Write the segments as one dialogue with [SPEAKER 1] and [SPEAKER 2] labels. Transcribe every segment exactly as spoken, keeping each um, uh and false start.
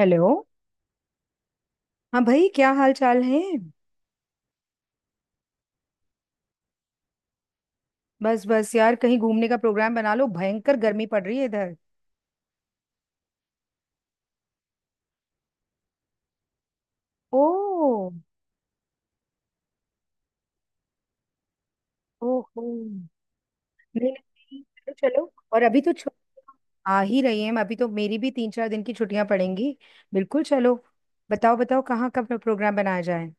[SPEAKER 1] Hello. हाँ भाई, क्या हाल चाल है? बस बस यार, कहीं घूमने का प्रोग्राम बना लो, भयंकर गर्मी पड़ रही है इधर। ओ। ओहो। नहीं नहीं। चलो चलो, और अभी तो छुट्टियां आ ही रही हैं, अभी तो मेरी भी तीन चार दिन की छुट्टियां पड़ेंगी। बिल्कुल, चलो। बताओ बताओ, कहाँ का प्रो- प्रोग्राम बनाया जाए?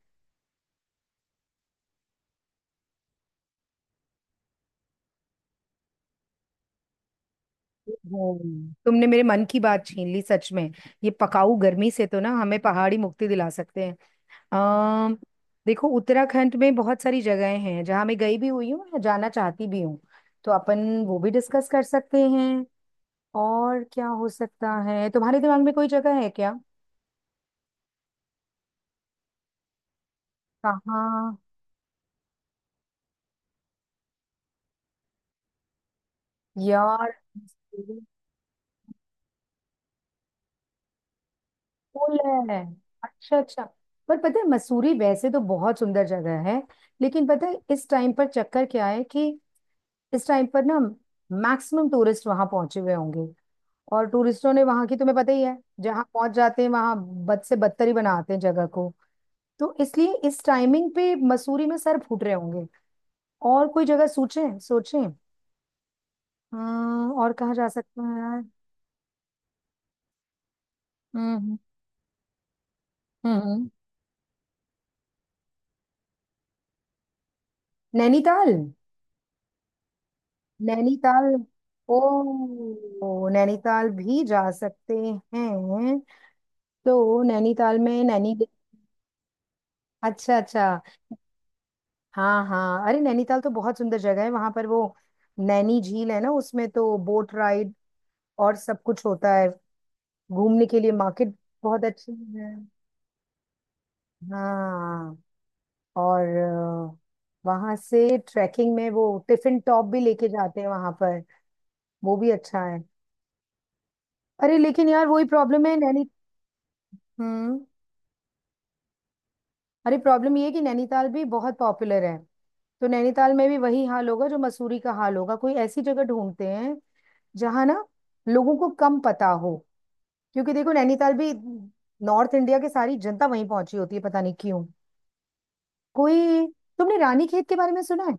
[SPEAKER 1] ओहो, तुमने मेरे मन की बात छीन ली सच में। ये पकाऊ गर्मी से तो ना हमें पहाड़ी मुक्ति दिला सकते हैं। अम देखो, उत्तराखंड में बहुत सारी जगहें हैं जहाँ मैं गई भी हुई हूँ या जाना चाहती भी हूँ। तो अपन वो भी डिस्कस कर सकते हैं। और क्या हो सकता है, तुम्हारे दिमाग में कोई जगह है क्या? कहाँ? यार मसूरी। पुल है। अच्छा अच्छा। पर पता है, मसूरी वैसे तो बहुत सुंदर जगह है, लेकिन पता है इस टाइम पर चक्कर क्या है कि इस टाइम पर ना मैक्सिमम टूरिस्ट वहां पहुंचे हुए होंगे। और टूरिस्टों ने वहां की, तुम्हें पता ही है, जहां पहुंच जाते हैं वहां बद से बदतर ही बनाते हैं जगह को। तो इसलिए इस टाइमिंग पे मसूरी में सर फूट रहे होंगे। और कोई जगह सोचें सोचें। हम्म और कहाँ जा सकते हैं यार? हम्म। हम्म। हम्म, हम्म। नैनीताल। नैनीताल। ओ। ओ, नैनीताल भी जा सकते हैं। तो नैनीताल में नैनी। अच्छा अच्छा। हाँ हाँ, अरे नैनीताल तो बहुत सुंदर जगह है, वहां पर वो नैनी झील है ना, उसमें तो बोट राइड और सब कुछ होता है। घूमने के लिए मार्केट बहुत अच्छी है। हाँ। और अ, वहां से ट्रैकिंग में वो टिफिन टॉप भी लेके जाते हैं वहां पर। वो भी अच्छा है। अरे लेकिन यार, वही प्रॉब्लम है नैनी। हम्म। अरे प्रॉब्लम ये है कि नैनीताल भी बहुत पॉपुलर है। तो नैनीताल में भी वही हाल होगा जो मसूरी का हाल होगा। कोई ऐसी जगह ढूंढते हैं जहां ना लोगों को कम पता हो। क्योंकि देखो नैनीताल भी, नॉर्थ इंडिया की सारी जनता वहीं पहुंची होती है पता नहीं क्यों। कोई, तुमने रानी खेत के बारे में सुना है?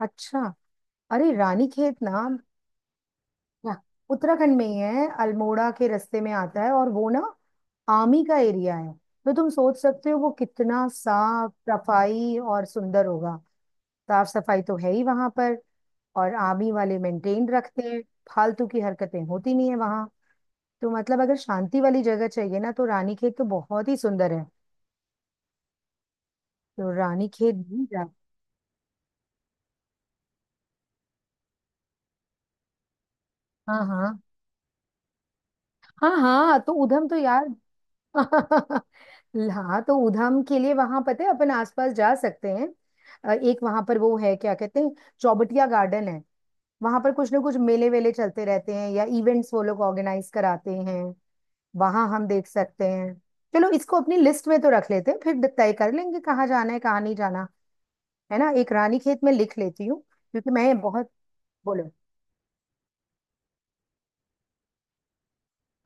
[SPEAKER 1] अच्छा। अरे रानी खेत ना। हाँ, उत्तराखंड में ही है, अल्मोड़ा के रास्ते में आता है। और वो ना आमी का एरिया है, तो तुम सोच सकते हो वो कितना साफ सफाई और सुंदर होगा। साफ सफाई तो है ही वहां पर, और आर्मी वाले मेंटेन रखते हैं। फालतू की हरकतें होती नहीं है वहां। तो मतलब अगर शांति वाली जगह चाहिए ना, तो रानी खेत तो बहुत ही सुंदर है। तो रानी खेत भी जा। हाँ हाँ। हाँ हाँ, तो उधम तो यार हाँ तो उधम के लिए वहां पता है अपन आसपास जा सकते हैं। अ, एक वहां पर वो है, क्या कहते हैं, चौबटिया गार्डन है। वहां पर कुछ ना कुछ मेले वेले चलते रहते हैं या इवेंट्स वो लोग ऑर्गेनाइज कराते हैं, वहां हम देख सकते हैं। चलो इसको अपनी लिस्ट में तो रख लेते हैं, फिर तय कर लेंगे कहाँ जाना है कहाँ नहीं जाना। है ना? एक रानीखेत में लिख लेती हूँ क्योंकि मैं बहुत, बोलो।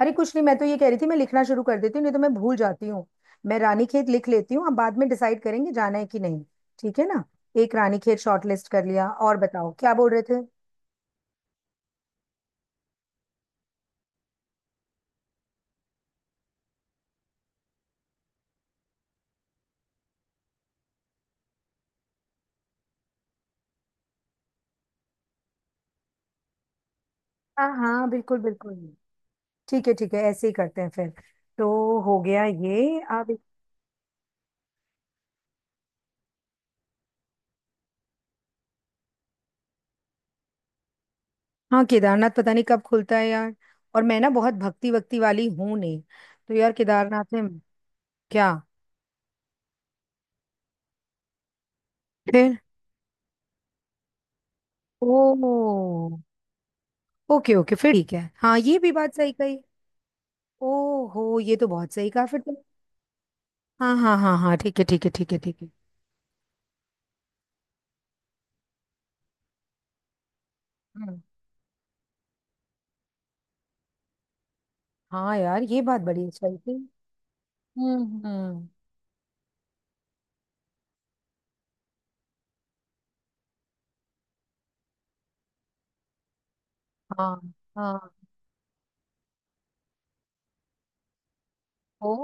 [SPEAKER 1] अरे कुछ नहीं, मैं तो ये कह रही थी मैं लिखना शुरू कर देती हूँ नहीं तो मैं भूल जाती हूँ। मैं रानीखेत लिख लेती हूँ, अब बाद में डिसाइड करेंगे जाना है कि नहीं। ठीक है ना? एक रानीखेत शॉर्टलिस्ट कर लिया, और बताओ क्या बोल रहे थे। हाँ हाँ बिल्कुल बिल्कुल। ठीक है ठीक है, ऐसे ही करते हैं फिर। तो हो गया ये अब। हाँ केदारनाथ पता नहीं कब खुलता है यार। और मैं ना बहुत भक्ति वक्ति वाली हूँ नहीं। तो यार केदारनाथ में क्या फिर। ओ। ओके ओके, फिर ठीक है, हाँ ये भी बात सही कही। ओहो, ये तो बहुत सही कहा फिर। हाँ हाँ हाँ हाँ, ठीक है ठीक है ठीक है ठीक है। हम्म। हाँ यार, ये बात बड़ी अच्छाई थी। हम्म हम्म। हाँ। हाँ। ओ।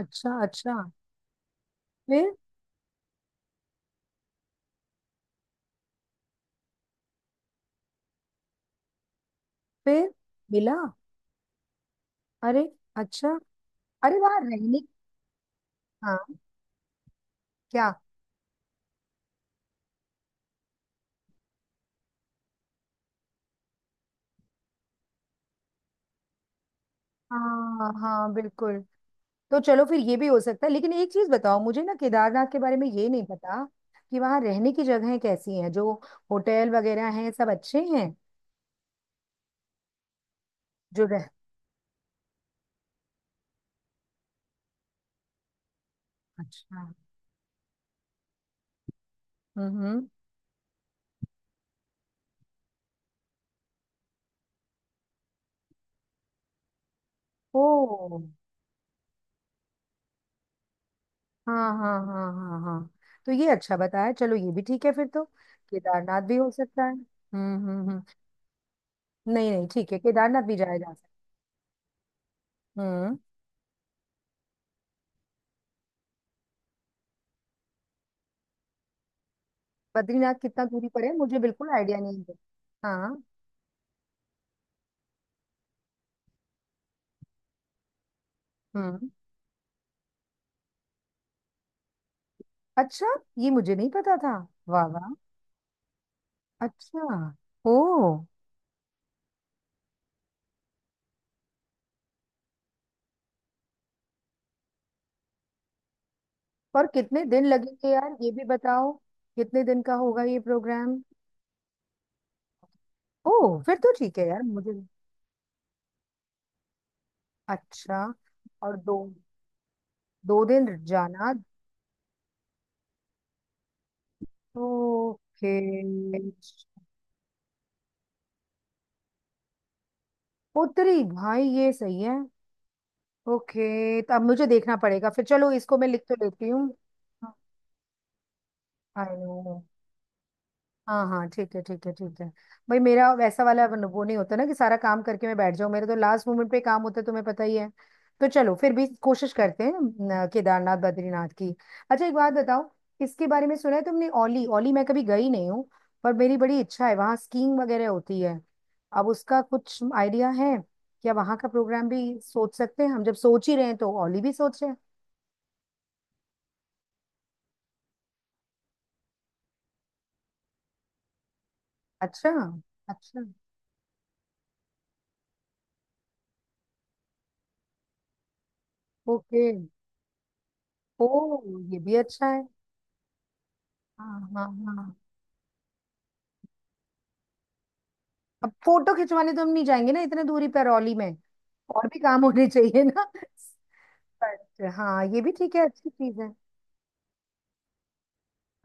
[SPEAKER 1] अच्छा अच्छा। फिर। फिर। मिला। अरे। अच्छा। अरे वहां रहने। हाँ। क्या। हाँ हाँ बिल्कुल। तो चलो फिर, ये भी हो सकता है। लेकिन एक चीज बताओ, मुझे ना केदारनाथ के बारे में ये नहीं पता कि वहां रहने की जगहें कैसी हैं, जो होटल वगैरह हैं सब अच्छे हैं? जो रह। अच्छा। हम्म हम्म। ओ। हाँ हाँ हाँ हाँ हाँ। तो ये अच्छा बताया, चलो ये भी ठीक है फिर तो। केदारनाथ भी हो सकता है। हम्म हम्म हम्म, नहीं नहीं ठीक है, केदारनाथ भी जाया जा सकता है। हम्म। बद्रीनाथ कितना दूरी पर है, मुझे बिल्कुल आइडिया नहीं है। हाँ। हम्म। अच्छा, ये मुझे नहीं पता था। वाह वाह। अच्छा। ओ। पर कितने दिन लगेंगे यार, ये भी बताओ। कितने दिन का होगा ये प्रोग्राम? ओ। फिर तो ठीक है यार, मुझे। अच्छा। और दो, दो दिन जाना। ओके उत्तरी भाई ये सही है। ओके, तो अब मुझे देखना पड़ेगा, फिर चलो इसको मैं लिख तो लेती हूँ। I know. हाँ हाँ ठीक है ठीक है ठीक है। भाई मेरा वैसा वाला वो वो नहीं होता ना, कि सारा काम करके मैं बैठ जाऊं। मेरे तो लास्ट मोमेंट पे काम होता है, तुम्हें पता ही है। तो चलो फिर भी कोशिश करते हैं न, केदारनाथ बद्रीनाथ की। अच्छा एक बात बताओ, इसके बारे में सुना है तुमने, ओली? ओली मैं कभी गई नहीं हूँ, पर मेरी बड़ी इच्छा है, वहाँ स्कीइंग वगैरह होती है। अब उसका कुछ आइडिया है क्या? वहाँ का प्रोग्राम भी सोच सकते हैं हम, जब सोच ही रहे हैं तो ओली भी सोचे। अच्छा अच्छा। ओके। ओ। ये भी अच्छा है। हाँ हाँ हाँ। अब फोटो खिंचवाने तो हम नहीं जाएंगे ना इतने दूरी करौली में, और भी काम होने चाहिए ना। बट हाँ ये भी ठीक है, अच्छी चीज है।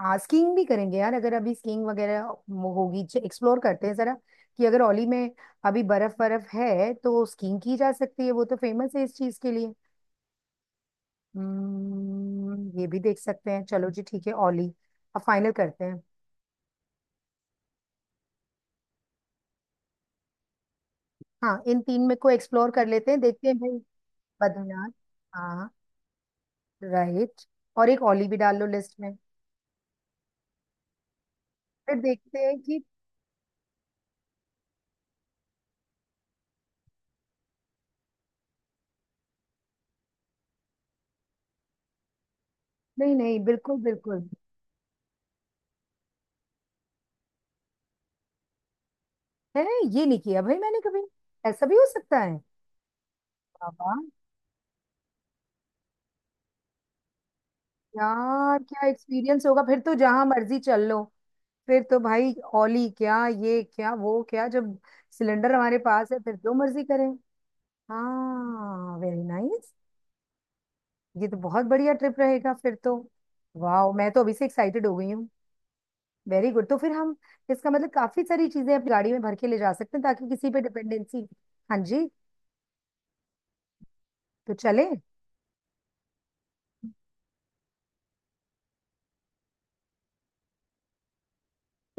[SPEAKER 1] हाँ स्कीइंग भी करेंगे यार, अगर अभी स्कीइंग वगैरह हो- होगी, एक्सप्लोर करते हैं जरा कि अगर औली में अभी बर्फ बर्फ है तो स्कीइंग की जा सकती है, वो तो फेमस है इस चीज के लिए। हम्म ये भी देख सकते हैं, चलो जी, ठीक है औली। अब फाइनल करते हैं। हाँ इन तीन में को एक्सप्लोर कर लेते हैं, देखते हैं भाई। बद्रीनाथ। हाँ। राइट। और एक औली भी डाल लो लिस्ट में। फिर देखते हैं कि। नहीं नहीं बिल्कुल बिल्कुल है। ये नहीं किया भाई मैंने कभी। ऐसा भी हो सकता है? बाबा। यार क्या एक्सपीरियंस होगा फिर तो, जहां मर्जी चल लो। फिर तो भाई ओली क्या, ये क्या, वो क्या, जब सिलेंडर हमारे पास है फिर जो मर्जी करें। हाँ वेरी नाइस, ये तो बहुत बढ़िया ट्रिप रहेगा फिर तो। वाह मैं तो अभी से एक्साइटेड हो गई हूँ। वेरी गुड, तो फिर हम, इसका मतलब काफी सारी चीजें अपनी गाड़ी में भर के ले जा सकते हैं, ताकि किसी पे डिपेंडेंसी। हाँ जी, तो चले।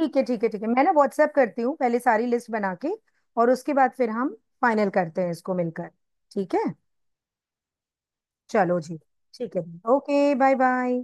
[SPEAKER 1] ठीक है ठीक है ठीक है, मैं ना व्हाट्सएप करती हूँ पहले सारी लिस्ट बना के, और उसके बाद फिर हम फाइनल करते हैं इसको मिलकर। ठीक है। चलो जी। ठीक है। Okay, bye bye.